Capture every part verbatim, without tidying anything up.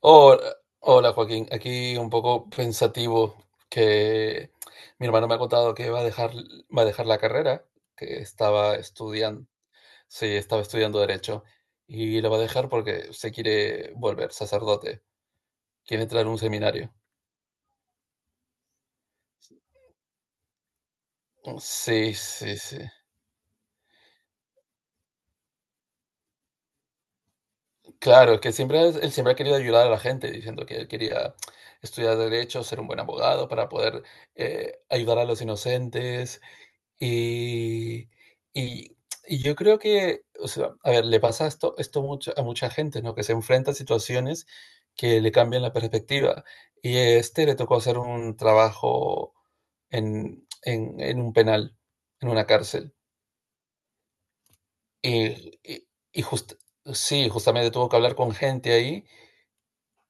Hola, hola Joaquín, aquí un poco pensativo que mi hermano me ha contado que va a dejar, va a dejar la carrera que estaba estudiando. Sí, estaba estudiando Derecho y la va a dejar porque se quiere volver sacerdote, quiere entrar a un seminario. Sí, sí, sí. Claro, es que siempre, es- él siempre ha querido ayudar a la gente, diciendo que él quería estudiar derecho, ser un buen abogado para poder eh, ayudar a los inocentes. Y y y yo creo que, o sea, a ver, le pasa esto esto mucho a mucha gente, ¿no? Que se enfrenta a situaciones que le cambian la perspectiva. Y a este le tocó hacer un trabajo en en en un penal, en una cárcel. Y y y just Sí, justamente tuvo que hablar con gente ahí,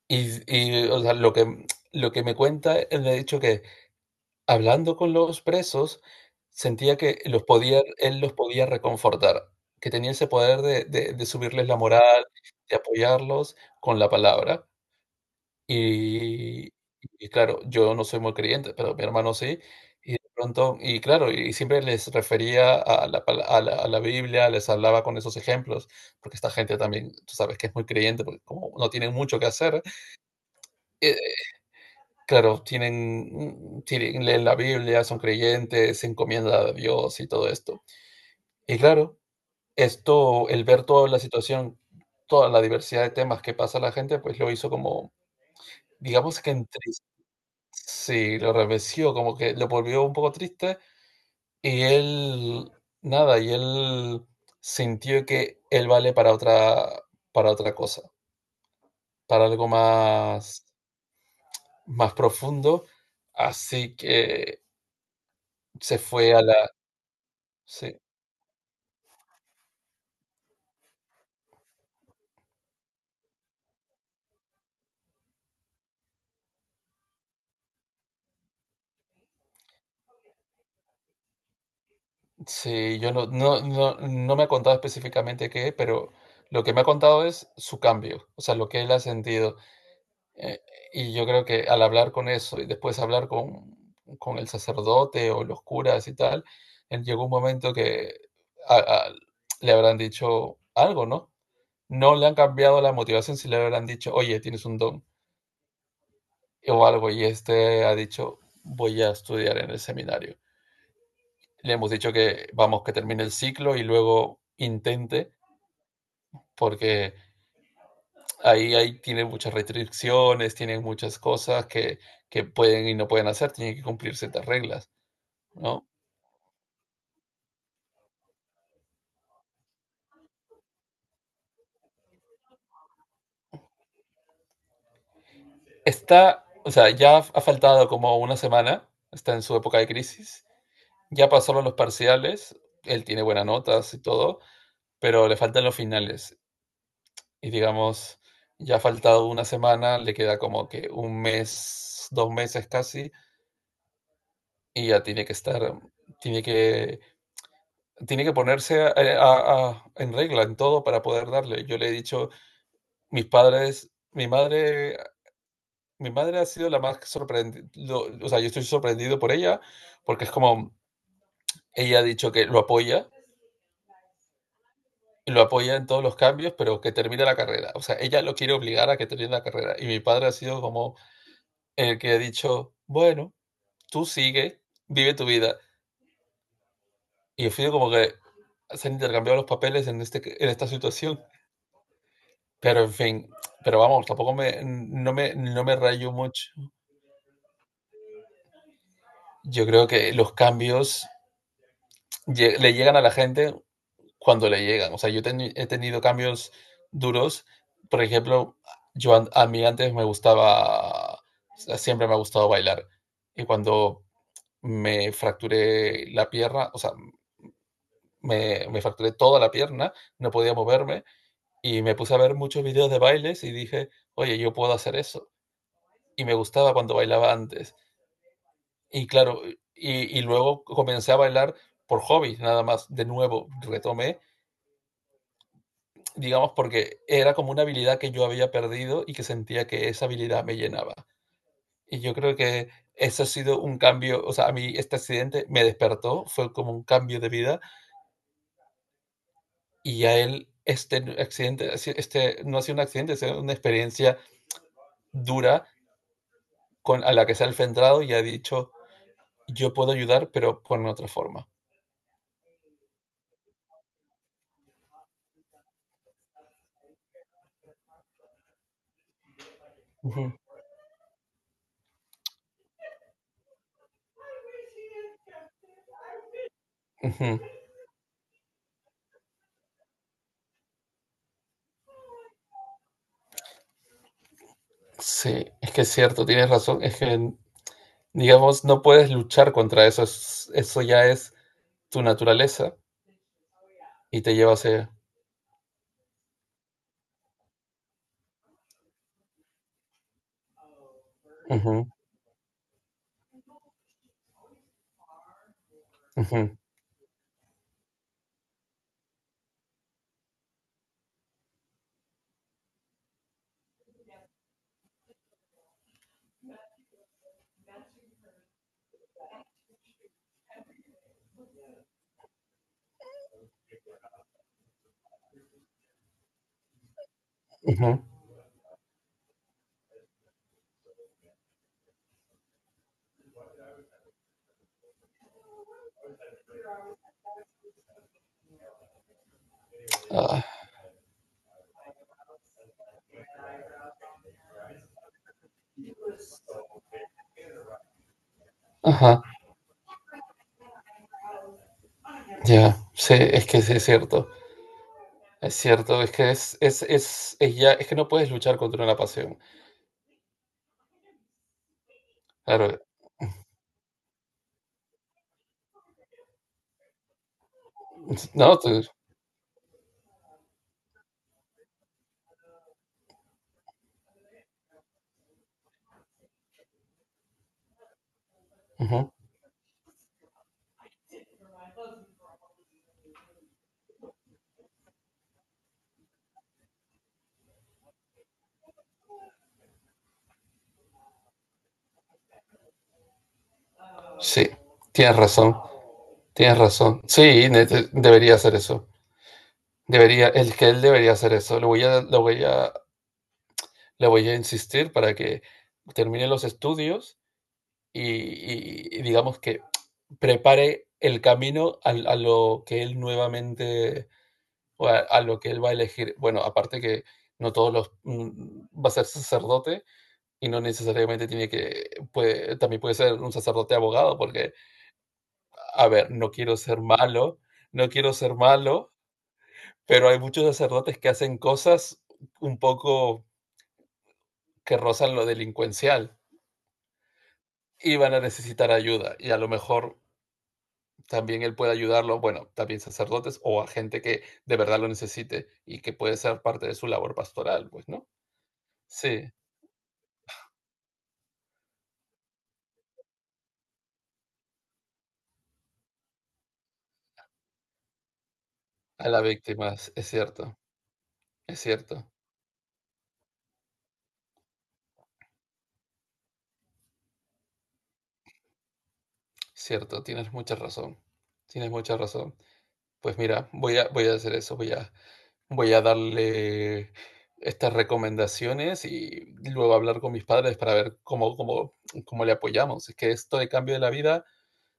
y y, o sea, lo que lo que me cuenta, él me ha dicho que hablando con los presos, sentía que los podía él los podía reconfortar, que tenía ese poder de de de subirles la moral, de apoyarlos con la palabra. Y y claro, yo no soy muy creyente, pero mi hermano sí, y de pronto y claro, y siempre les refería a la pala a la a la Biblia, les hablaba con esos ejemplos, porque esta gente también, tú sabes que es muy creyente, porque como no tienen mucho que hacer, eh, claro, tienen, mm, tienen, leen la Biblia, son creyentes, se encomiendan a Dios y todo esto. Y claro, esto, el ver toda la situación, toda la diversidad de temas que pasa la gente, pues lo hizo como, digamos que entriste, sí, lo remeció, como que lo volvió un poco triste y él, nada, y él sintió que él vale para otra, para otra cosa, para algo más, más profundo, así que se fue a la... sí. Sí, yo no, no, no, no me ha contado específicamente qué, pero lo que me ha contado es su cambio, o sea, lo que él ha sentido. Eh, y yo creo que al hablar con eso y después hablar con, con el sacerdote o los curas y tal, él llegó un momento que a- a- le habrán dicho algo, ¿no? No le han cambiado la motivación si le habrán dicho, oye, tienes un don o algo, y este ha dicho, voy a estudiar en el seminario. Le hemos dicho que vamos, que termine el ciclo y luego intente. Porque ahí, ahí tiene muchas restricciones, tiene muchas cosas que, que pueden y no pueden hacer, tienen que cumplir ciertas reglas, ¿no? Está, o sea, ya ha faltado como una semana, está en su época de crisis, ya pasaron los parciales, él tiene buenas notas y todo, pero le faltan los finales. Y digamos, ya ha faltado una semana, le queda como que un mes, dos meses casi, y ya tiene que estar, tiene que tiene que ponerse a- a- a- en regla en todo para poder darle. Yo le he dicho, mis padres, mi madre, mi madre ha sido la más sorprendida, o sea, yo estoy sorprendido por ella, porque es como, ella ha dicho que lo apoya, y lo apoya en todos los cambios, pero que termine la carrera. O sea, ella lo quiere obligar a que termine la carrera. Y mi padre ha sido como el que ha dicho, bueno, tú sigue, vive tu vida. Y he sido como que se han intercambiado los papeles en, este, en esta situación. Pero en fin, pero vamos, tampoco me, no me, no me rayo mucho. Yo creo que los cambios lle- le llegan a la gente cuando le llegan. O sea, yo teni- he tenido cambios duros. Por ejemplo, yo an- a mí antes me gustaba, o sea, siempre me ha gustado bailar. Y cuando me fracturé la pierna, o sea, me, me fracturé toda la pierna, no podía moverme y me puse a ver muchos videos de bailes y dije, oye, yo puedo hacer eso. Y me gustaba cuando bailaba antes. Y claro, y, y luego comencé a bailar por hobby, nada más, de nuevo, retomé, digamos, porque era como una habilidad que yo había perdido y que sentía que esa habilidad me llenaba. Y yo creo que eso ha sido un cambio, o sea, a mí este accidente me despertó, fue como un cambio de vida y a él este accidente, este no ha sido un accidente, ha sido una experiencia dura con, a la que se ha enfrentado y ha dicho, yo puedo ayudar, pero con otra forma. Uh -huh. Uh -huh. Sí, es que es cierto, tienes razón. Es que, digamos, no puedes luchar contra eso. Es- eso ya es tu naturaleza y te lleva hacia... Ujú, ujú, ujú. Ah, ajá, ya. Sí, es que sí es cierto. Es cierto, es que es, es, es, es ya, es que no puedes luchar contra una pasión. Claro, no, tú- ujú. Sí, tienes razón, tienes razón. Sí, ne- de- debería hacer eso. Debería, el que él debería hacer eso. Lo voy a, lo voy a le voy a insistir para que termine los estudios y, y- y digamos que prepare el camino al- a, lo que él nuevamente, o a, a lo que él va a elegir. Bueno, aparte que no todos los mm, va a ser sacerdote y no necesariamente tiene que, puede- también puede ser un sacerdote abogado, porque, a ver, no quiero ser malo, no quiero ser malo, pero hay muchos sacerdotes que hacen cosas un poco que rozan lo delincuencial. Y van a necesitar ayuda y a lo mejor también él puede ayudarlo, bueno, también sacerdotes o a gente que de verdad lo necesite y que puede ser parte de su labor pastoral, pues, ¿no? Sí, a las víctimas, es cierto, es cierto, cierto, tienes mucha razón, tienes mucha razón. Pues mira, voy a, voy a hacer eso, voy a, voy a darle estas recomendaciones y luego hablar con mis padres para ver cómo, cómo, cómo le apoyamos. Es que esto de cambio de la vida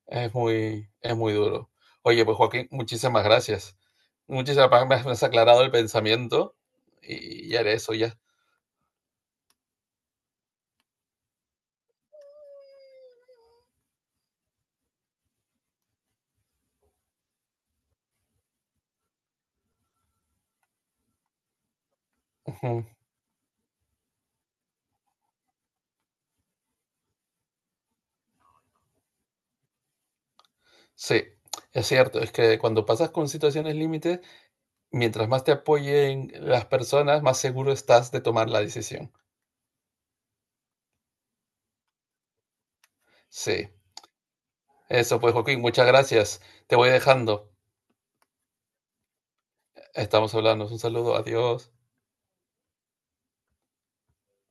es muy, es muy duro. Oye, pues Joaquín, muchísimas gracias. Muchísimas gracias, me has aclarado el pensamiento y ya era eso, ya. Ujú. Sí, es cierto, es que cuando pasas con situaciones límites, mientras más te apoyen las personas, más seguro estás de tomar la decisión. Sí, eso pues Joaquín, muchas gracias. Te voy dejando. Estamos hablando. Un saludo, adiós.